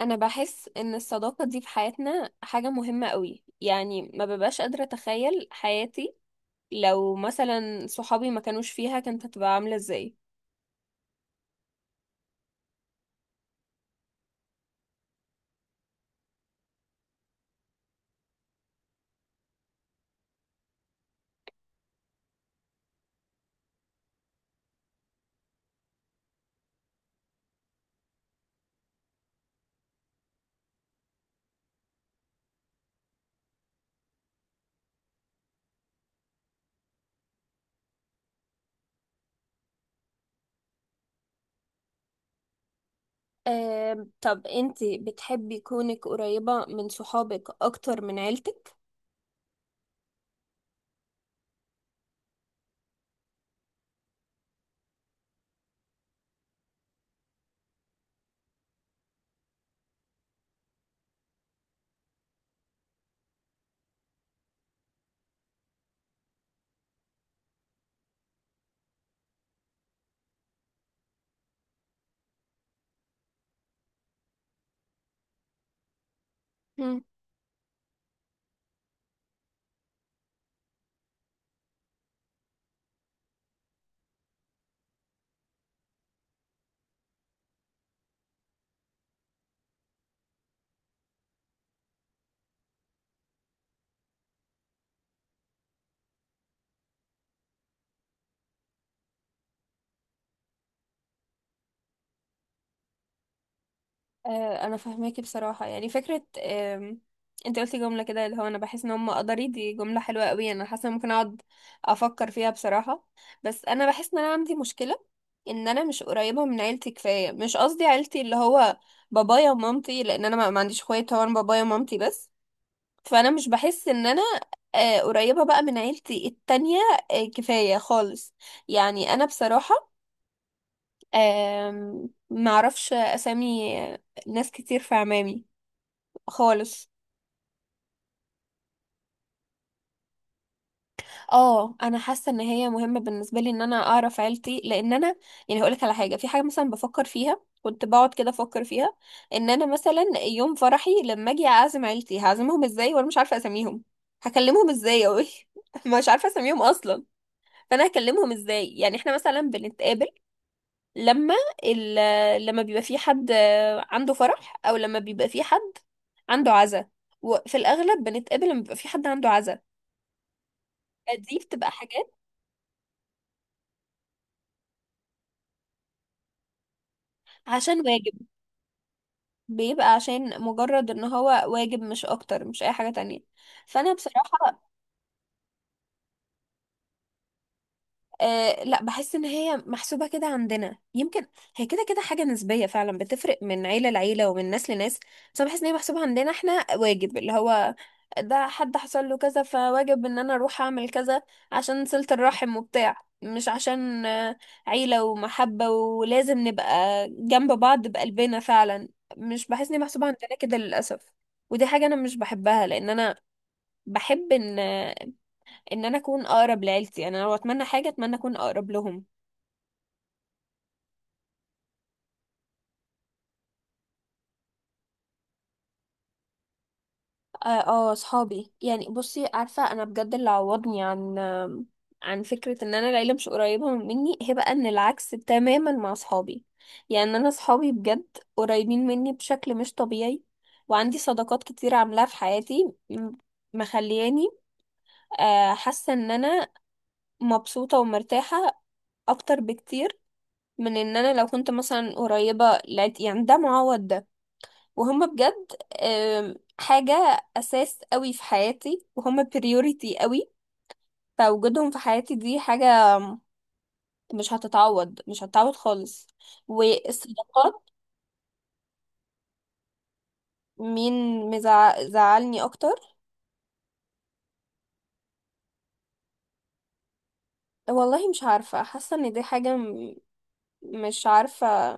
انا بحس ان الصداقة دي في حياتنا حاجة مهمة قوي، يعني ما ببقاش قادرة اتخيل حياتي لو مثلا صحابي ما كانوش فيها كانت هتبقى عاملة ازاي. آه، طب انتي بتحبي كونك قريبة من صحابك اكتر من عيلتك؟ آه، انا فاهماكي بصراحه، يعني فكره انت قلتي جمله كده اللي هو انا بحس ان هم قدري، دي جمله حلوه قوي، انا حاسه إن ممكن اقعد افكر فيها بصراحه. بس انا بحس ان انا عندي مشكله، ان انا مش قريبه من عيلتي كفايه، مش قصدي عيلتي اللي هو بابايا ومامتي، لان انا ما عنديش اخوات، هو انا بابايا ومامتي بس. فانا مش بحس ان انا قريبه بقى من عيلتي التانية كفايه خالص. يعني انا بصراحه معرفش اسامي ناس كتير في عمامي خالص. اه انا حاسه ان هي مهمه بالنسبه لي ان انا اعرف عيلتي، لان انا يعني هقولك على حاجه، في حاجه مثلا بفكر فيها، كنت بقعد كده افكر فيها، ان انا مثلا يوم فرحي لما اجي اعزم عيلتي هعزمهم ازاي وانا مش عارفه اسميهم؟ هكلمهم ازاي اوي؟ مش عارفه اسميهم اصلا. فانا هكلمهم ازاي؟ يعني احنا مثلا بنتقابل لما ال... لما بيبقى في حد عنده فرح، او لما بيبقى في حد عنده عزا، وفي الاغلب بنتقابل لما بيبقى في حد عنده عزا. دي بتبقى حاجات عشان واجب، بيبقى عشان مجرد ان هو واجب، مش اكتر مش اي حاجة تانية. فانا بصراحة أه لا، بحس ان هي محسوبة كده عندنا يمكن، هي كده كده حاجة نسبية فعلا، بتفرق من عيلة لعيلة ومن ناس لناس، بس انا بحس ان هي محسوبة عندنا احنا واجب، اللي هو ده حد حصل له كذا فواجب ان انا اروح اعمل كذا عشان صلة الرحم وبتاع، مش عشان عيلة ومحبة ولازم نبقى جنب بعض بقلبنا فعلا، مش بحس ان هي محسوبة عندنا كده للأسف. ودي حاجة انا مش بحبها لان انا بحب ان انا اكون اقرب لعيلتي، يعني انا لو اتمنى حاجة اتمنى اكون اقرب لهم. اه صحابي، يعني بصي عارفة انا بجد اللي عوضني عن عن فكرة ان انا العيلة مش قريبة مني، هي بقى ان العكس تماما مع صحابي. يعني انا صحابي بجد قريبين مني بشكل مش طبيعي، وعندي صداقات كتير عاملاها في حياتي مخلياني حاسة ان انا مبسوطة ومرتاحة اكتر بكتير من ان انا لو كنت مثلا قريبة يعني ده معوض ده. وهم بجد حاجة أساس قوي في حياتي، وهم بريوريتي قوي، فوجودهم في حياتي دي حاجة مش هتتعوض، مش هتتعوض خالص، والصداقات. مين مزعلني أكتر؟ والله مش عارفة، حاسة إن دي حاجة مش عارفة.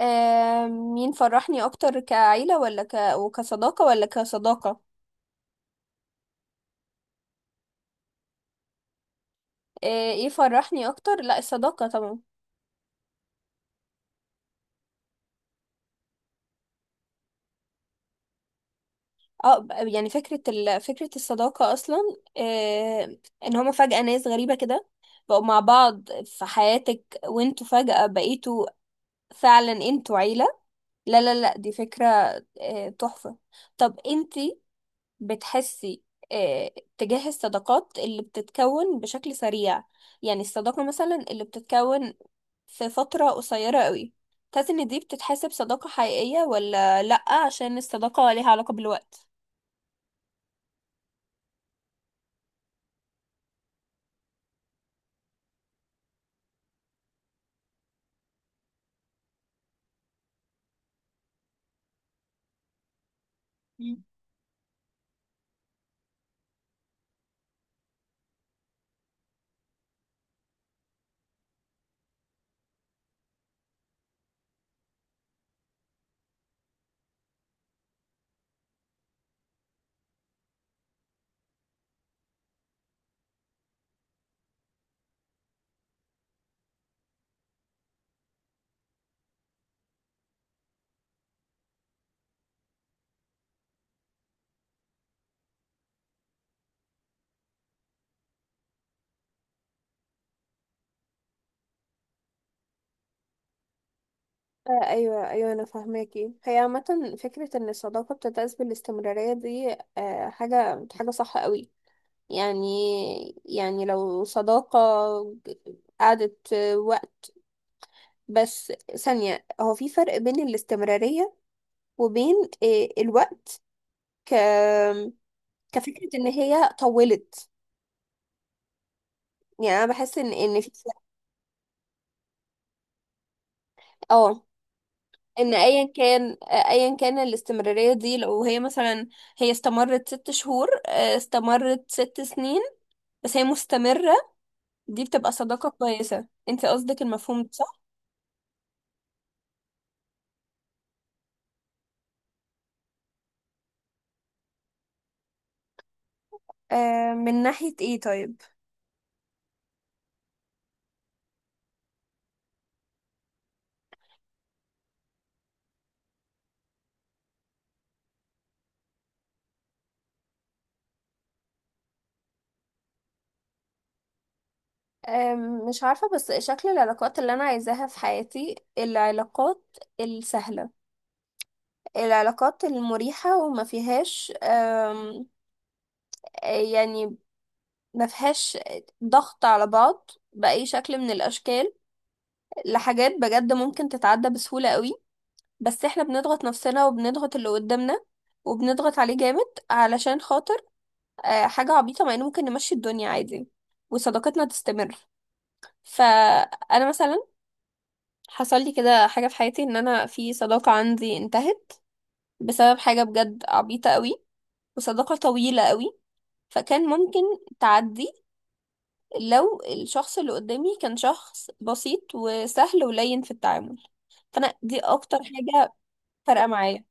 مين فرحني أكتر، كعيلة ولا وكصداقة ولا كصداقة؟ آه، ايه فرحني أكتر؟ لا، الصداقة طبعا. اه يعني فكرة الصداقة أصلا، آه... إن هما فجأة ناس غريبة كده بقوا مع بعض في حياتك، وانتوا فجأة بقيتوا فعلا انتوا عيلة. لا لا لا، دي فكرة تحفة. طب انتي بتحسي آه... تجاه الصداقات اللي بتتكون بشكل سريع، يعني الصداقة مثلا اللي بتتكون في فترة قصيرة قوي، تحسي إن دي بتتحسب صداقة حقيقية ولا لأ، عشان الصداقة ليها علاقة بالوقت؟ آه، ايوه ايوه، انا فاهماكي، هي عامه فكره ان الصداقه بتتأسس بالاستمراريه، دي حاجه حاجه صح قوي. يعني، لو صداقه قعدت وقت، بس ثانيه، هو في فرق بين الاستمراريه وبين الوقت، ك كفكره ان هي طولت. يعني انا بحس ان في فرق. اه، ان ايا كان الاستمراريه دي، لو هي مثلا هي استمرت 6 شهور استمرت 6 سنين، بس هي مستمرة، دي بتبقى صداقة كويسة. انت قصدك المفهوم ده صح؟ آه، من ناحية ايه طيب؟ مش عارفة، بس شكل العلاقات اللي أنا عايزاها في حياتي العلاقات السهلة، العلاقات المريحة، وما فيهاش يعني ما فيهاش ضغط على بعض بأي شكل من الأشكال لحاجات بجد ممكن تتعدى بسهولة قوي، بس احنا بنضغط نفسنا وبنضغط اللي قدامنا وبنضغط عليه جامد علشان خاطر حاجة عبيطة، مع إن ممكن نمشي الدنيا عادي وصداقتنا تستمر. فأنا مثلا حصل لي كده حاجة في حياتي، إن أنا في صداقة عندي انتهت بسبب حاجة بجد عبيطة قوي، وصداقة طويلة قوي، فكان ممكن تعدي لو الشخص اللي قدامي كان شخص بسيط وسهل ولين في التعامل، فأنا دي أكتر حاجة فارقة معايا.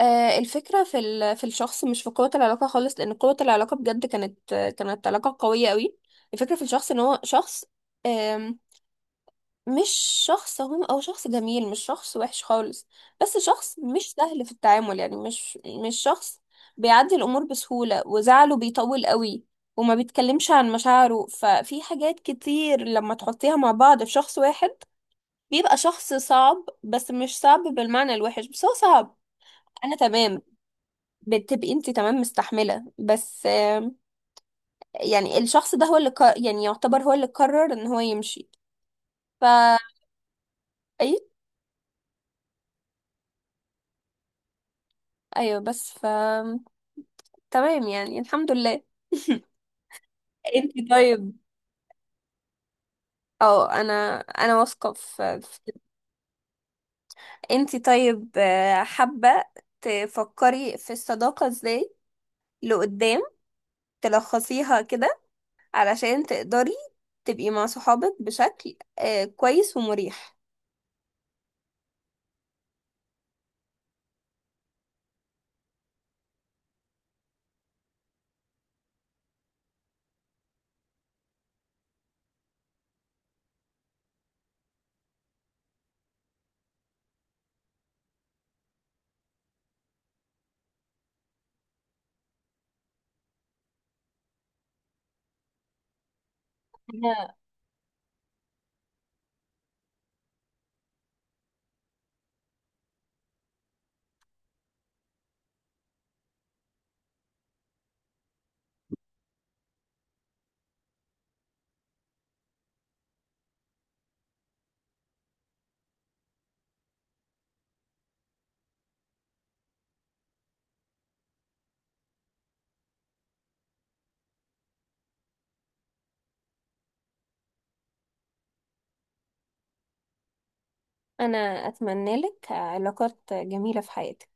آه، الفكرة في في الشخص مش في قوة العلاقة خالص، لأن قوة العلاقة بجد كانت علاقة قوية قوي. الفكرة في الشخص إن هو شخص آم، مش شخص، هو أو شخص جميل مش شخص وحش خالص، بس شخص مش سهل في التعامل، يعني مش شخص بيعدي الأمور بسهولة، وزعله بيطول قوي، وما بيتكلمش عن مشاعره، ففي حاجات كتير لما تحطيها مع بعض في شخص واحد بيبقى شخص صعب، بس مش صعب بالمعنى الوحش، بس هو صعب. أنا تمام، بتبقي انت تمام مستحملة، بس يعني الشخص ده هو اللي يعني يعتبر هو اللي قرر ان هو يمشي، ف اي، ايوه، بس تمام، يعني الحمد لله. انت طيب، اه، انا واثقة في كده. انت طيب، حابة تفكري في الصداقة ازاي لقدام، تلخصيها كده علشان تقدري تبقي مع صحابك بشكل كويس ومريح؟ أنا أنا أتمنى لك علاقات جميلة في حياتك.